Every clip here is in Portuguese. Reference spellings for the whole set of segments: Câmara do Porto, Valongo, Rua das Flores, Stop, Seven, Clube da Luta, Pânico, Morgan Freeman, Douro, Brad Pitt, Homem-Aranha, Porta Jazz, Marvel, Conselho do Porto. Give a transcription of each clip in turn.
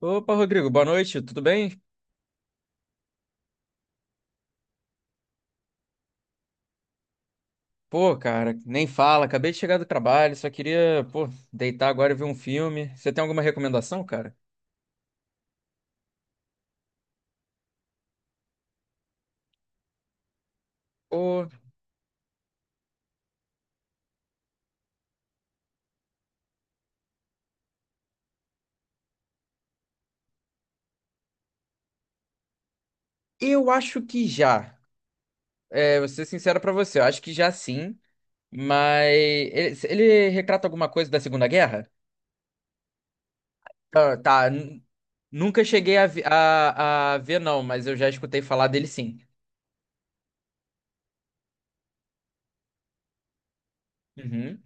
Opa, Rodrigo, boa noite, tudo bem? Pô, cara, nem fala, acabei de chegar do trabalho, só queria, pô, deitar agora e ver um filme. Você tem alguma recomendação, cara? Pô, eu acho que já. É, vou ser sincero pra você, eu acho que já sim, mas ele retrata alguma coisa da Segunda Guerra? Ah, tá, nunca cheguei a ver não, mas eu já escutei falar dele sim. Uhum,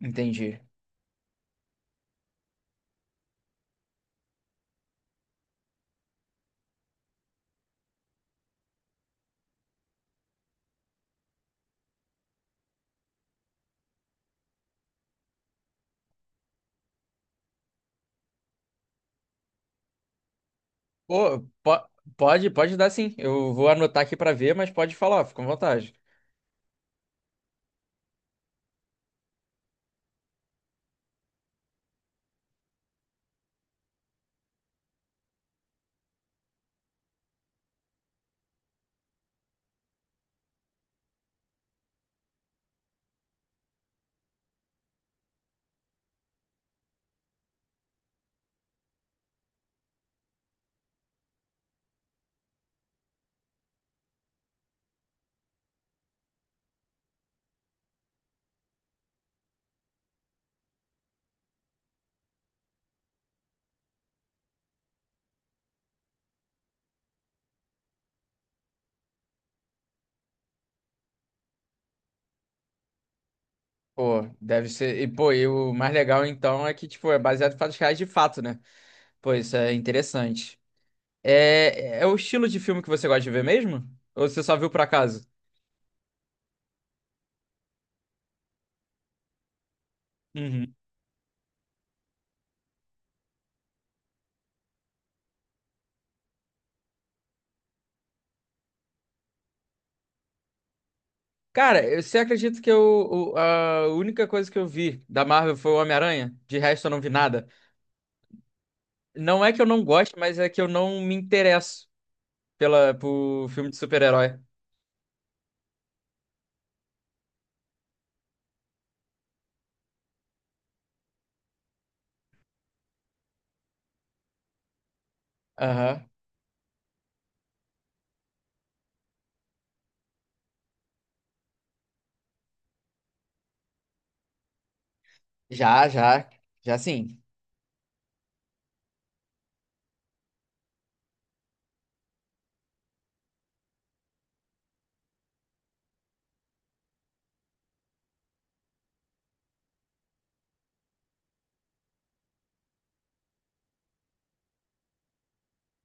entendi. Pô, pode dar sim, eu vou anotar aqui pra ver, mas pode falar, fica à vontade. Pô, deve ser. E, pô, e o mais legal então é que, tipo, é baseado em fatos reais de fato, né? Pô, isso é interessante. É, é o estilo de filme que você gosta de ver mesmo? Ou você só viu por acaso? Uhum. Cara, você acredita que eu, a única coisa que eu vi da Marvel foi o Homem-Aranha? De resto, eu não vi nada. Não é que eu não goste, mas é que eu não me interesso por filme de super-herói. Aham. Já, já. Já sim.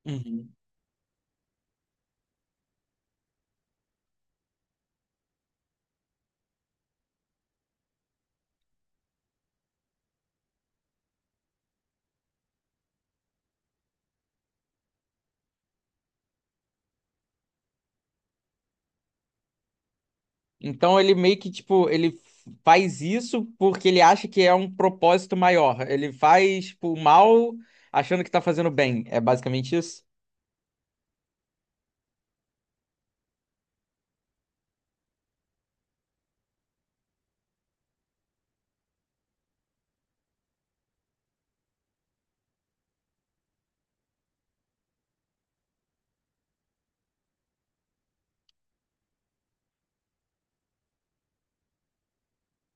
Uhum. Então ele meio que tipo, ele faz isso porque ele acha que é um propósito maior. Ele faz tipo, o mal achando que tá fazendo bem. É basicamente isso?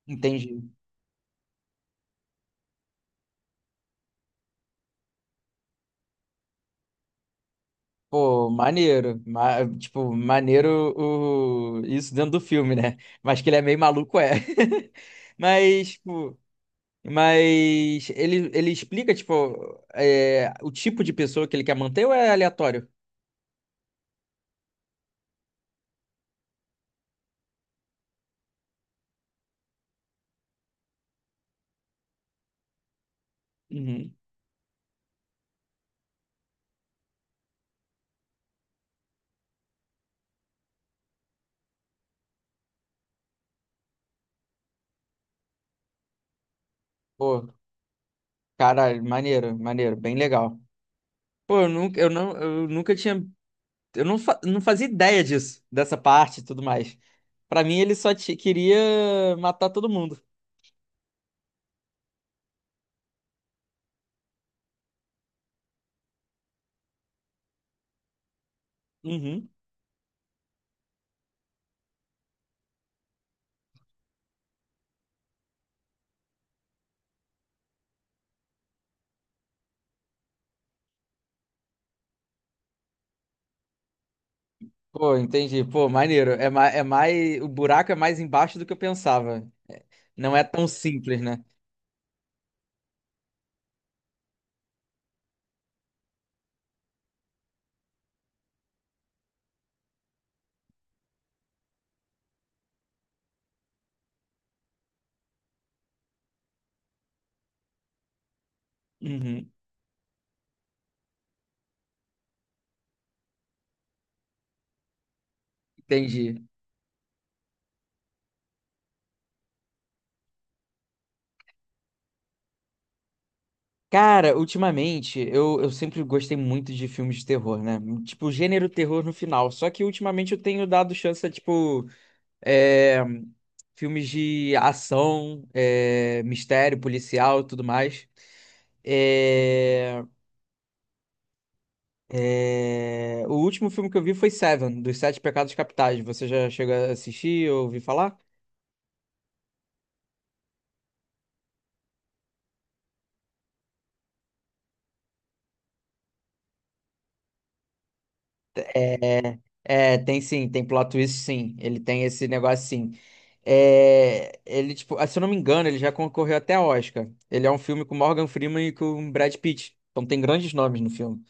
Entendi. Pô, maneiro. Tipo, maneiro isso dentro do filme, né? Mas que ele é meio maluco, é. Mas, tipo, ele explica, tipo, o tipo de pessoa que ele quer manter ou é aleatório? Uhum. Pô, caralho, maneiro, maneiro, bem legal. Pô, eu nunca, eu não, eu nunca tinha. Eu não, fa- Não fazia ideia disso, dessa parte e tudo mais. Pra mim, ele só queria matar todo mundo. Uhum. Pô, entendi. Pô, maneiro. É mais. O buraco é mais embaixo do que eu pensava. Não é tão simples, né? Uhum. Entendi. Cara, ultimamente, eu sempre gostei muito de filmes de terror, né? Tipo, gênero terror no final. Só que ultimamente eu tenho dado chance a, tipo. é, filmes de ação, é, mistério, policial e tudo mais. É, é, o último filme que eu vi foi Seven, dos Sete Pecados Capitais. Você já chegou a assistir ou ouvir falar? É, tem sim, tem plot twist sim. Ele tem esse negócio sim. É, tipo, ah, se eu não me engano, ele já concorreu até a Oscar. Ele é um filme com Morgan Freeman e com Brad Pitt. Então tem grandes nomes no filme.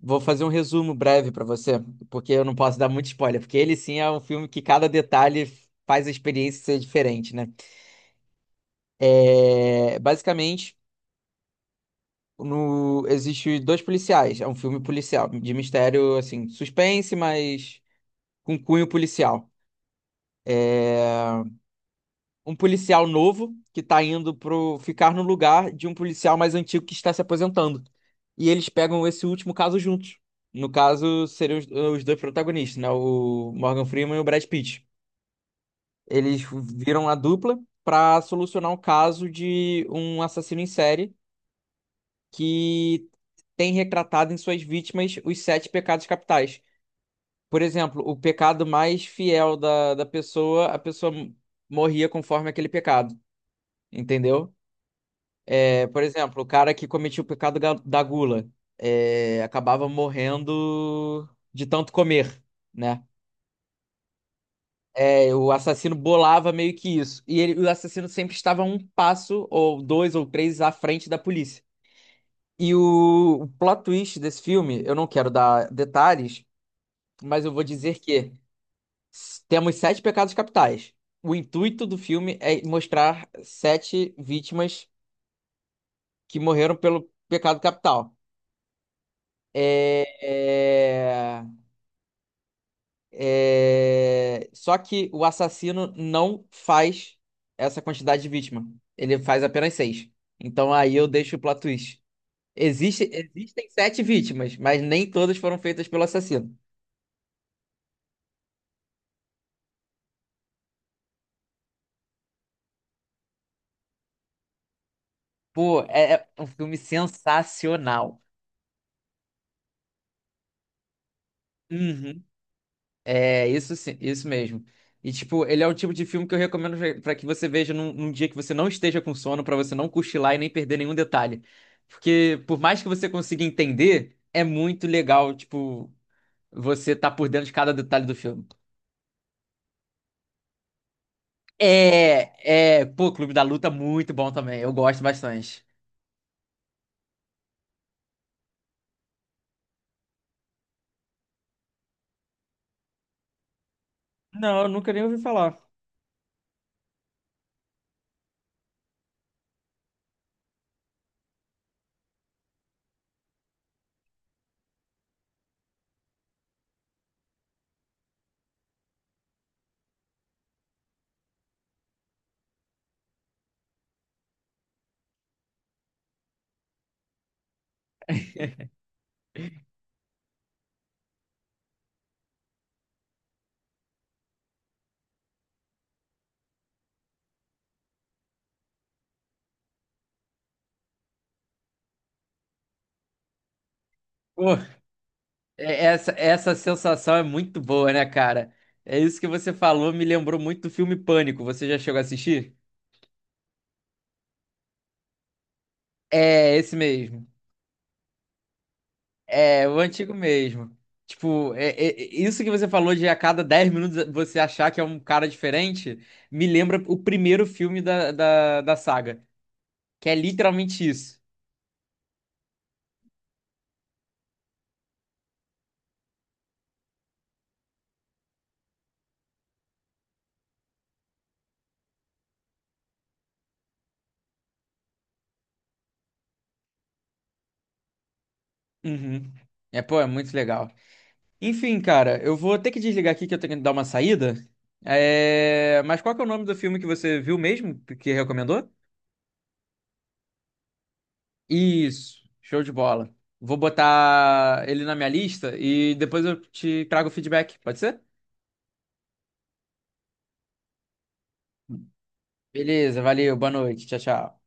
Vou fazer um resumo breve pra você, porque eu não posso dar muito spoiler, porque ele sim é um filme que cada detalhe faz a experiência ser diferente, né? É, basicamente, no, existe dois policiais. É um filme policial, de mistério, assim, suspense, mas com cunho policial. Um policial novo que tá indo pro ficar no lugar de um policial mais antigo que está se aposentando. E eles pegam esse último caso juntos. No caso, seriam os dois protagonistas, né? O Morgan Freeman e o Brad Pitt. Eles viram a dupla para solucionar o caso de um assassino em série que tem retratado em suas vítimas os sete pecados capitais. Por exemplo, o pecado mais fiel da pessoa, a pessoa morria conforme aquele pecado, entendeu? É, por exemplo, o cara que cometia o pecado da gula, acabava morrendo de tanto comer, né? É, o assassino bolava meio que isso. E o assassino sempre estava um passo, ou dois ou três, à frente da polícia. E o plot twist desse filme, eu não quero dar detalhes, mas eu vou dizer que temos sete pecados capitais. O intuito do filme é mostrar sete vítimas que morreram pelo pecado capital. É, é, Só que o assassino não faz essa quantidade de vítima. Ele faz apenas seis. Então aí eu deixo o plot twist. Existe... Existem sete vítimas, mas nem todas foram feitas pelo assassino. Pô, é um filme sensacional. Uhum. É, isso sim, isso mesmo. E, tipo, ele é um tipo de filme que eu recomendo pra que você veja num dia que você não esteja com sono, pra você não cochilar e nem perder nenhum detalhe. Porque, por mais que você consiga entender, é muito legal, tipo, você tá por dentro de cada detalhe do filme. Pô, Clube da Luta muito bom também. Eu gosto bastante. Não, eu nunca nem ouvi falar. Pô, essa sensação é muito boa, né, cara? É isso que você falou, me lembrou muito do filme Pânico. Você já chegou a assistir? É, esse mesmo. É, o antigo mesmo. Tipo, isso que você falou de a cada 10 minutos você achar que é um cara diferente, me lembra o primeiro filme da saga, que é literalmente isso. Uhum. É, pô, é muito legal. Enfim, cara, eu vou ter que desligar aqui que eu tenho que dar uma saída. Mas qual que é o nome do filme que você viu mesmo, que recomendou? Isso, show de bola. Vou botar ele na minha lista e depois eu te trago o feedback, pode ser? Beleza, valeu, boa noite, tchau, tchau.